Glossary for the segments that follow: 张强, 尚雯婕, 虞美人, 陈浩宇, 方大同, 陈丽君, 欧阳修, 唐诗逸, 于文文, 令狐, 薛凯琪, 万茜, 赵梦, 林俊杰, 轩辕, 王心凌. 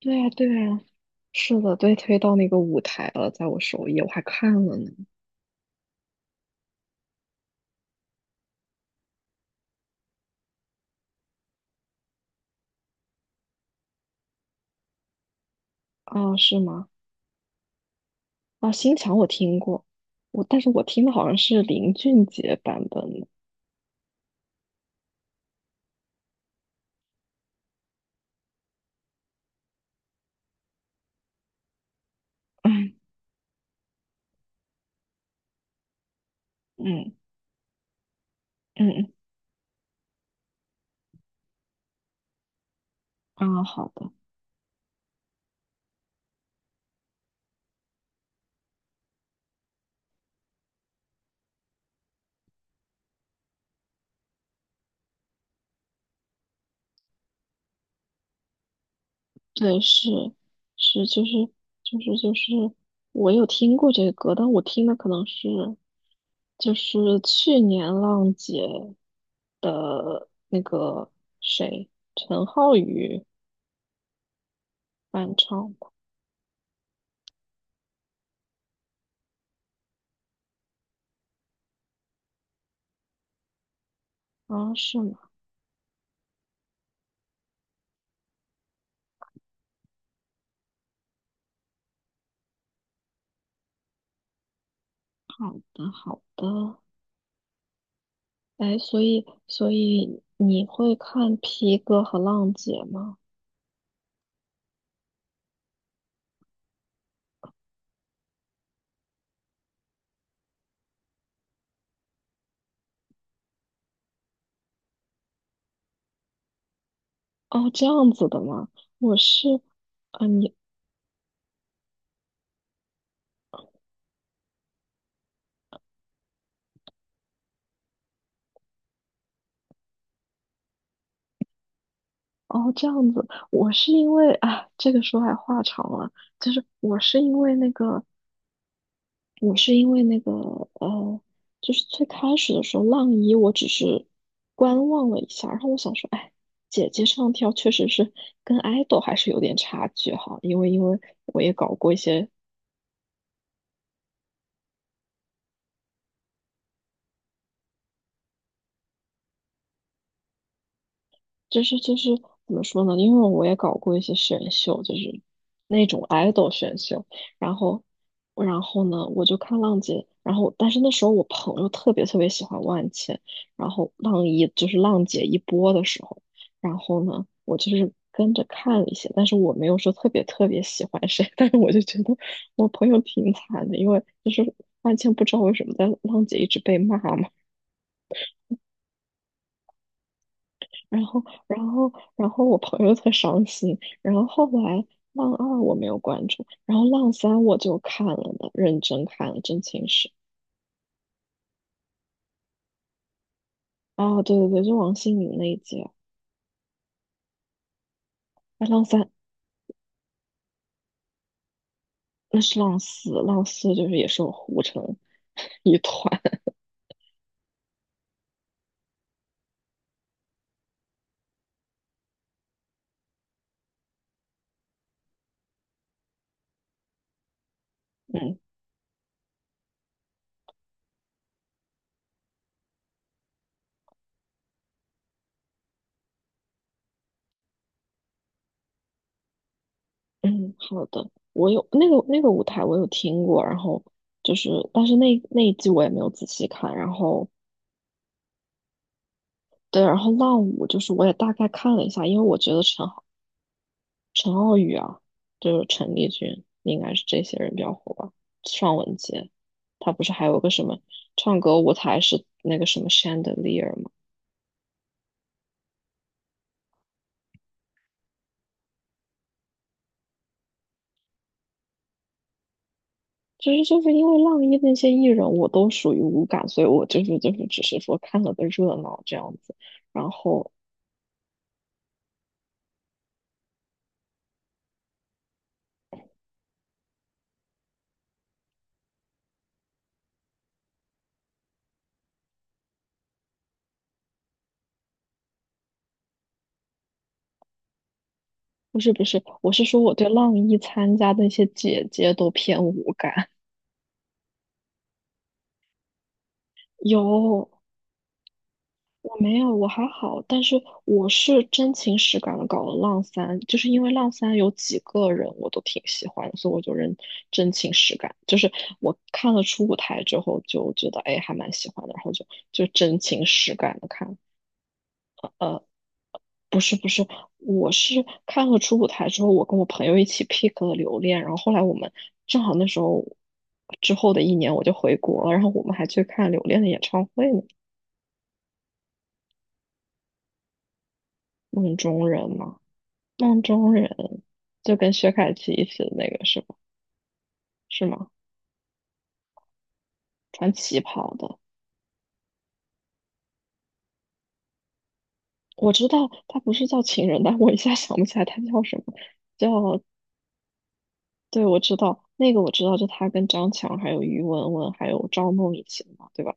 对呀，对呀，是的，对，推到那个舞台了，在我首页，我还看了呢。啊，是吗？啊，新墙我听过，但是我听的好像是林俊杰版本的。嗯嗯嗯嗯。啊，好的，对，是，就是，我有听过这个歌，但我听的可能是就是去年浪姐的那个谁，陈浩宇翻唱的。啊，是吗？好的，好的。哎，所以你会看皮哥和浪姐吗？哦，这样子的吗？我是，啊，你，哦，这样子，我是因为，啊，这个说来话长了，就是我是因为那个，呃，就是最开始的时候，浪一我只是观望了一下，然后我想说，哎，姐姐唱跳确实是跟 idol 还是有点差距哈。因为我也搞过一些，就是怎么说呢？因为我也搞过一些选秀，就是那种 idol 选秀。然后然后呢，我就看浪姐，然后但是那时候我朋友特别特别喜欢万茜，然后浪一就是浪姐一播的时候，然后呢，我就是跟着看了一些，但是我没有说特别特别喜欢谁，但是我就觉得我朋友挺惨的，因为就是万茜不知道为什么在浪姐一直被骂嘛。然后，然后我朋友特伤心。然后后来浪二我没有关注，然后浪三我就看了的，认真看了《真情实》。啊，对对对，就王心凌那一集啊。哎，浪三，那是浪四，浪四就是也是我糊成 一团。嗯嗯，好的。我有那个舞台我有听过，然后就是，但是那一季我也没有仔细看。然后对，然后浪五就是我也大概看了一下，因为我觉得陈浩宇啊，就是陈丽君，应该是这些人比较火吧。尚雯婕，她不是还有个什么唱歌舞台是那个什么 chandelier 吗？就是因为浪一那些艺人，我都属于无感，所以我只是说看了个热闹这样子。然后不是不是，我是说我对浪一参加的那些姐姐都偏无感。有我没有，我还好，但是我是真情实感的搞了浪三，就是因为浪三有几个人我都挺喜欢的，所以我就真情实感，就是我看了初舞台之后就觉得哎还蛮喜欢的，然后就真情实感的看。不是不是，我是看了初舞台之后，我跟我朋友一起 pick 了留恋，然后后来我们正好那时候之后的一年我就回国了，然后我们还去看留恋的演唱会呢，梦中人嘛。梦中人就跟薛凯琪一起的那个是吧？是吗？穿旗袍的，我知道他不是叫情人，但我一下想不起来他叫什么，叫，对，我知道，就他跟张强还有于文文还有赵梦一起的嘛，对吧？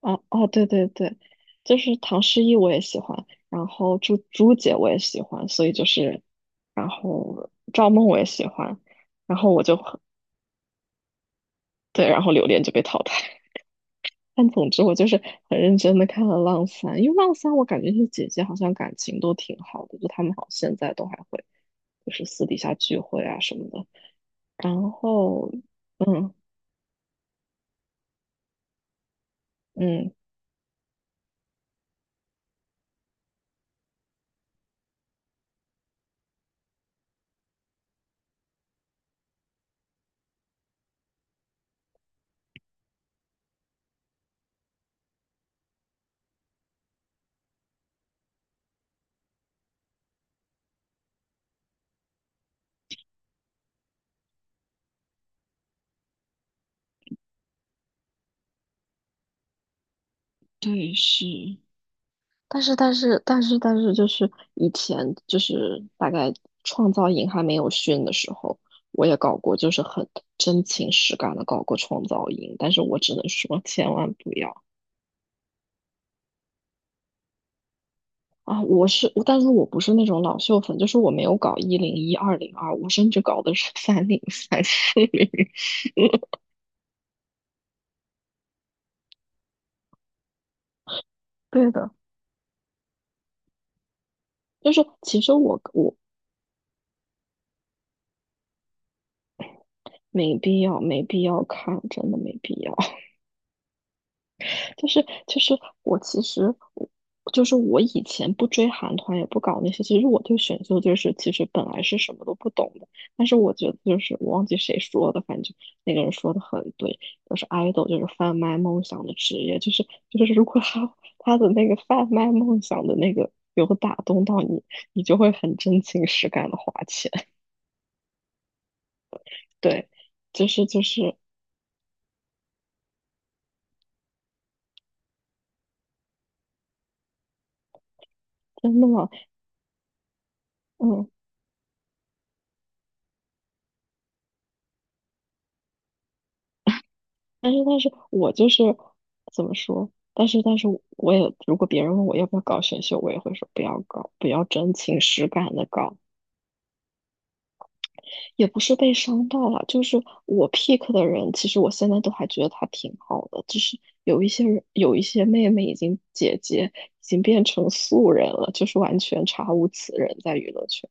啊啊，对对对，就是唐诗逸我也喜欢，然后朱朱姐我也喜欢，所以就是，然后赵梦我也喜欢，然后我就很对，然后榴莲就被淘汰。但总之，我就是很认真的看了《浪三》，因为《浪三》我感觉是姐姐好像感情都挺好的，就他们好像现在都还会就是私底下聚会啊什么的。然后，嗯嗯，对，是，但是，就是以前就是大概创造营还没有训的时候，我也搞过，就是很真情实感的搞过创造营，但是我只能说千万不要。啊，我是，我但是我不是那种老秀粉，就是我没有搞101、202，我甚至搞的是 303、四零。对的，就是其实我没必要，没必要看，真的没必要。就是我其实我就是我以前不追韩团，也不搞那些。其实我对选秀就是其实本来是什么都不懂的，但是我觉得就是我忘记谁说的，反正那个人说的很对，就是 idol 就是贩卖梦想的职业，就是如果他的那个贩卖梦想的那个有打动到你，你就会很真情实感的花钱。对，就是。真的吗？嗯，但是我就是怎么说？但是我也，如果别人问我要不要搞选秀，我也会说不要搞，不要真情实感的搞。也不是被伤到了，就是我 pick 的人，其实我现在都还觉得他挺好的，只是有一些人，有一些妹妹已经姐姐已经变成素人了，就是完全查无此人在娱乐圈。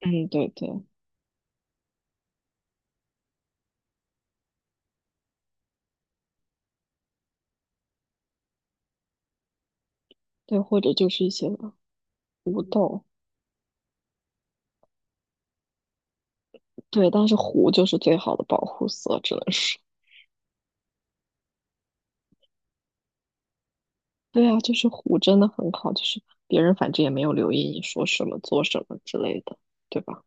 嗯，对对对，或者就是一些胡豆，对，但是胡就是最好的保护色，只能说。对啊，就是虎真的很好，就是别人反正也没有留意你说什么、做什么之类的，对吧？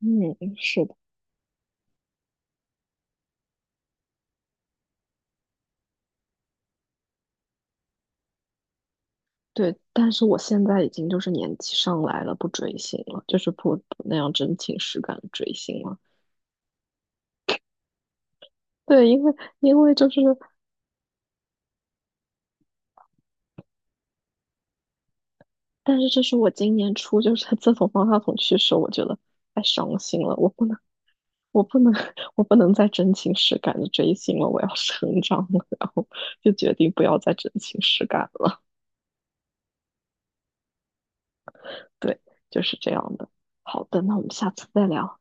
嗯，是的，对，但是我现在已经就是年纪上来了，不追星了，就是不那样真情实感的追星了。对，因为就是，但是这是我今年初，就是 自从方大同去世，我觉得太伤心了，我不能，我不能，我不能再真情实感的追星了，我要 成长了，然后就决定不要再真情实感了。对，就是这样的。好的，那我们下次再聊。